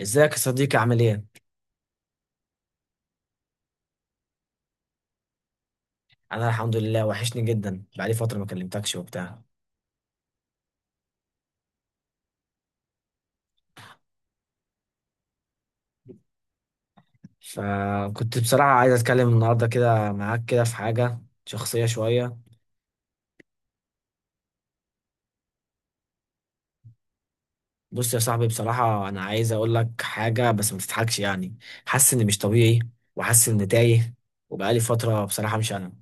ازيك يا صديقي؟ عامل ايه؟ انا الحمد لله، وحشني جدا، بقالي فترة ما كلمتكش وبتاع. فكنت بصراحة عايز اتكلم النهاردة كده معاك كده في حاجة شخصية شوية. بص يا صاحبي، بصراحة انا عايز اقول لك حاجة بس ما تضحكش. يعني حاسس اني مش طبيعي، وحاسس اني تايه، وبقالي فترة بصراحة مش انا.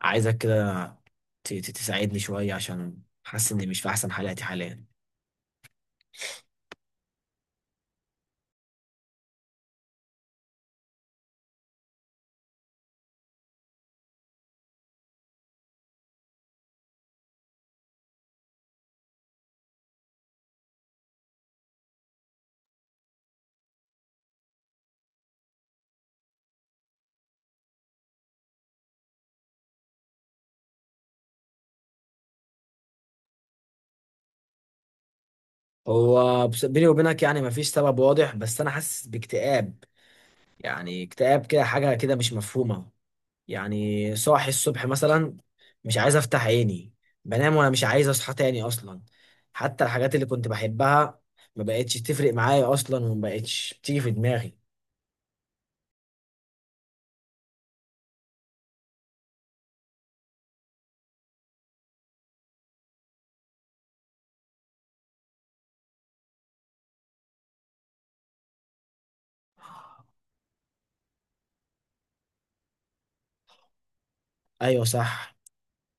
عايزك كده تساعدني شوية، عشان حاسس اني مش في احسن حالاتي حاليا. هو بيني وبينك يعني مفيش سبب واضح، بس انا حاسس باكتئاب. يعني اكتئاب كده، حاجة كده مش مفهومة. يعني صاحي الصبح مثلا مش عايز افتح عيني، بنام وانا مش عايز اصحى تاني اصلا. حتى الحاجات اللي كنت بحبها ما بقتش تفرق معايا اصلا، وما بقتش بتيجي في دماغي. ايوه، صح.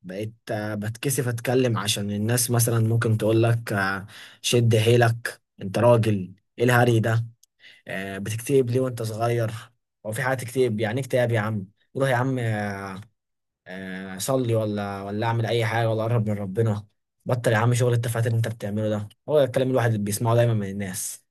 بقيت بتكسف اتكلم، عشان الناس مثلا ممكن تقول لك شد حيلك، انت راجل، ايه الهري ده؟ بتكتئب ليه وانت صغير؟ هو في حاجه تكتئب؟ يعني إيه اكتئاب يا عم؟ روح يا عم اصلي ولا ولا اعمل اي حاجه ولا اقرب من ربنا. بطل يا عم شغل التفاهات اللي انت بتعمله ده. هو ده الكلام الواحد اللي بيسمعه دايما من الناس.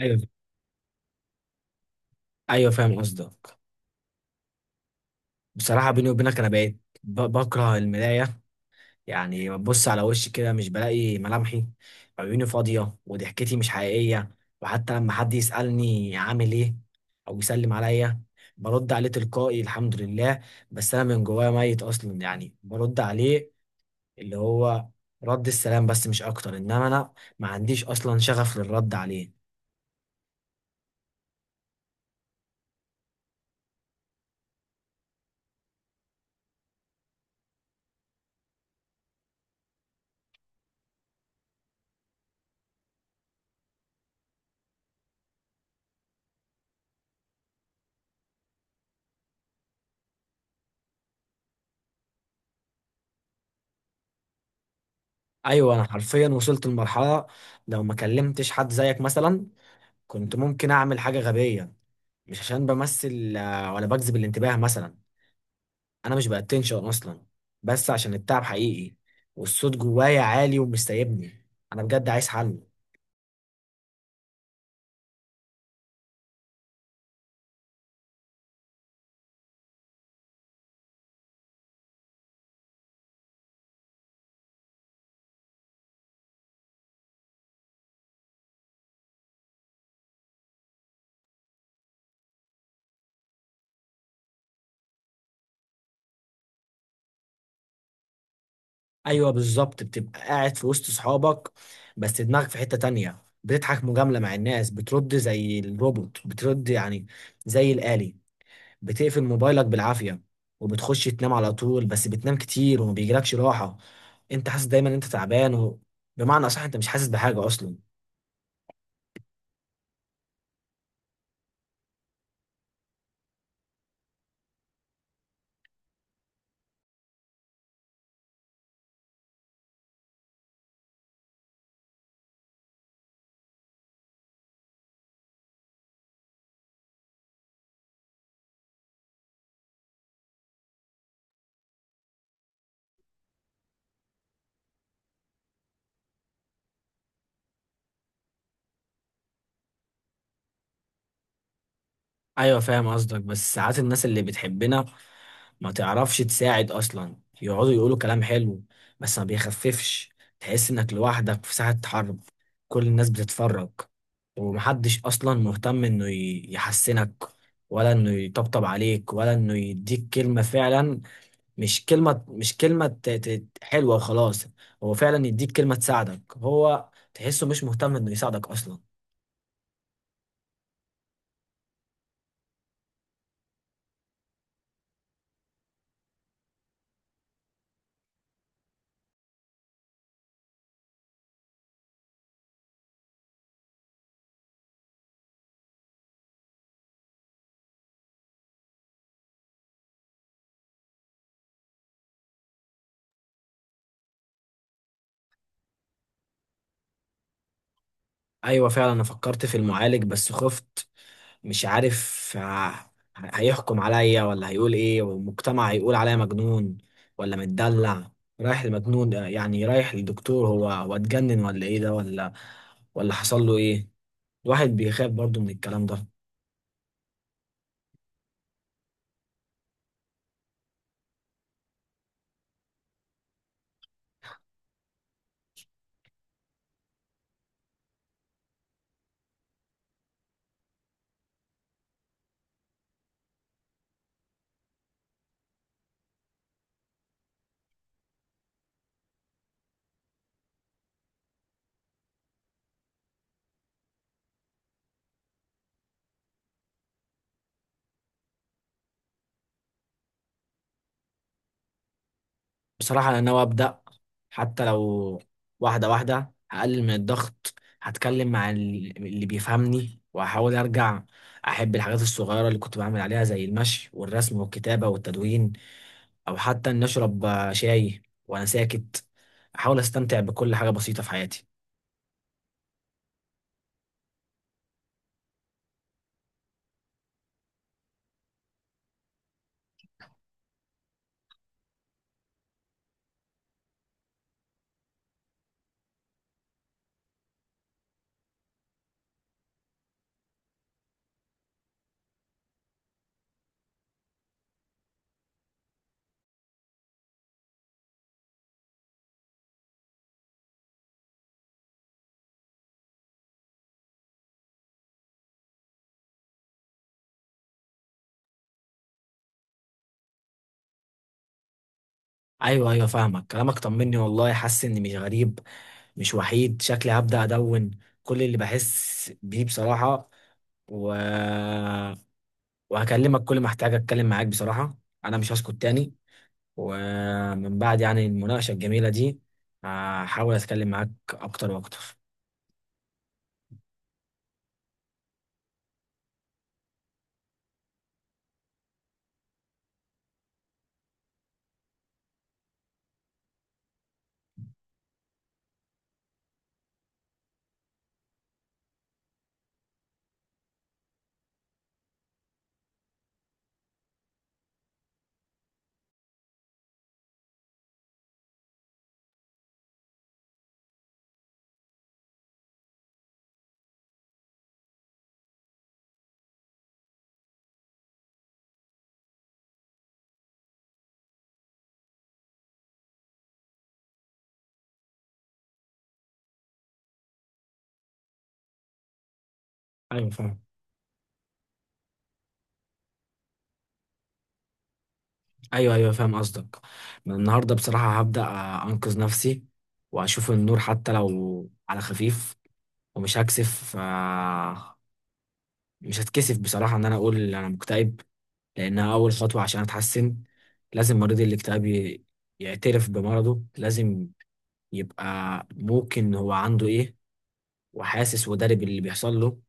ايوه ايوه، فاهم قصدك. بصراحه بيني وبينك انا بقيت بكره المرايه. يعني ببص على وشي كده مش بلاقي ملامحي، عيوني فاضيه وضحكتي مش حقيقيه. وحتى لما حد يسالني عامل ايه او يسلم عليا، برد عليه تلقائي الحمد لله، بس انا من جوايا ميت اصلا. يعني برد عليه، اللي هو رد السلام بس مش اكتر، انما انا ما عنديش اصلا شغف للرد عليه. ايوه، انا حرفيا وصلت لمرحله لو ما كلمتش حد زيك مثلا كنت ممكن اعمل حاجه غبيه. مش عشان بمثل ولا بجذب الانتباه مثلا، انا مش باتنشن اصلا، بس عشان التعب حقيقي، والصوت جوايا عالي ومش سايبني. انا بجد عايز حل. ايوه بالظبط، بتبقى قاعد في وسط صحابك بس دماغك في حتة تانية، بتضحك مجاملة مع الناس، بترد زي الروبوت بترد يعني، زي الآلي. بتقفل موبايلك بالعافية، وبتخش تنام على طول، بس بتنام كتير وما بيجيلكش راحة. انت حاسس دايما إن انت تعبان، و... بمعنى اصح انت مش حاسس بحاجة اصلا. ايوه فاهم قصدك، بس ساعات الناس اللي بتحبنا ما تعرفش تساعد اصلا. يقعدوا يقولوا كلام حلو بس ما بيخففش. تحس انك لوحدك في ساحة حرب، كل الناس بتتفرج، ومحدش اصلا مهتم انه يحسنك، ولا انه يطبطب عليك، ولا انه يديك كلمة فعلا. مش كلمة، مش كلمة حلوة وخلاص، هو فعلا يديك كلمة تساعدك. هو تحسه مش مهتم انه يساعدك اصلا. ايوه فعلا، انا فكرت في المعالج بس خفت. مش عارف هيحكم عليا ولا هيقول ايه، والمجتمع هيقول عليا مجنون ولا متدلع. رايح المجنون يعني، رايح للدكتور، هو اتجنن ولا ايه ده، ولا ولا حصل له ايه. الواحد بيخاف برضو من الكلام ده. بصراحة أنا ناوي أبدأ، حتى لو واحدة واحدة هقلل من الضغط. هتكلم مع اللي بيفهمني، وهحاول أرجع أحب الحاجات الصغيرة اللي كنت بعمل عليها، زي المشي والرسم والكتابة والتدوين، أو حتى إني أشرب شاي وأنا ساكت. أحاول أستمتع بكل حاجة بسيطة في حياتي. أيوه أيوه، فاهمك. كلامك طمني والله، حاسس إني مش غريب، مش وحيد. شكلي هبدأ أدون كل اللي بحس بيه بصراحة، و... وهكلمك كل ما احتاج اتكلم معاك. بصراحة انا مش هسكت تاني، ومن بعد يعني المناقشة الجميلة دي هحاول اتكلم معاك اكتر واكتر. ايوه فاهم. ايوه ايوه فاهم قصدك. من النهاردة بصراحة هبدأ انقذ نفسي، واشوف النور حتى لو على خفيف. ومش هكسف مش هتكسف بصراحة ان انا اقول انا مكتئب، لانها اول خطوة عشان اتحسن. لازم مريض الاكتئاب يعترف بمرضه. لازم يبقى ممكن هو عنده ايه، وحاسس ودارب اللي بيحصل له،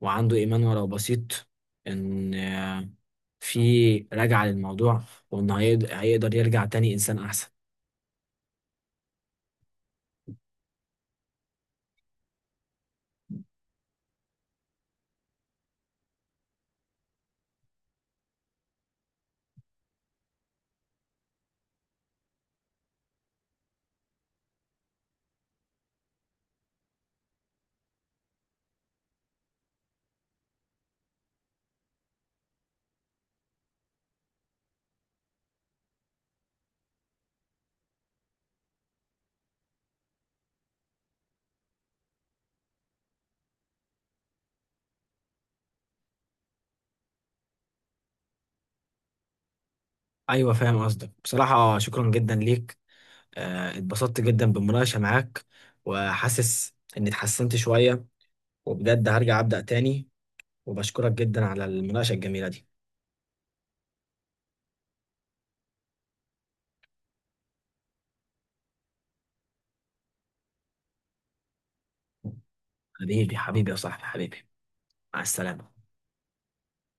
وعنده إيمان ولو بسيط إن في رجعة للموضوع، وإن هيقدر يرجع تاني إنسان أحسن. أيوة فاهم قصدك. بصراحة شكرا جدا ليك، اتبسطت جدا بالمناقشة معاك، وحاسس إني اتحسنت شوية، وبجد هرجع أبدأ تاني، وبشكرك جدا على المناقشة الجميلة دي. حبيبي، حبيبي يا صاحبي، حبيبي. مع السلامة.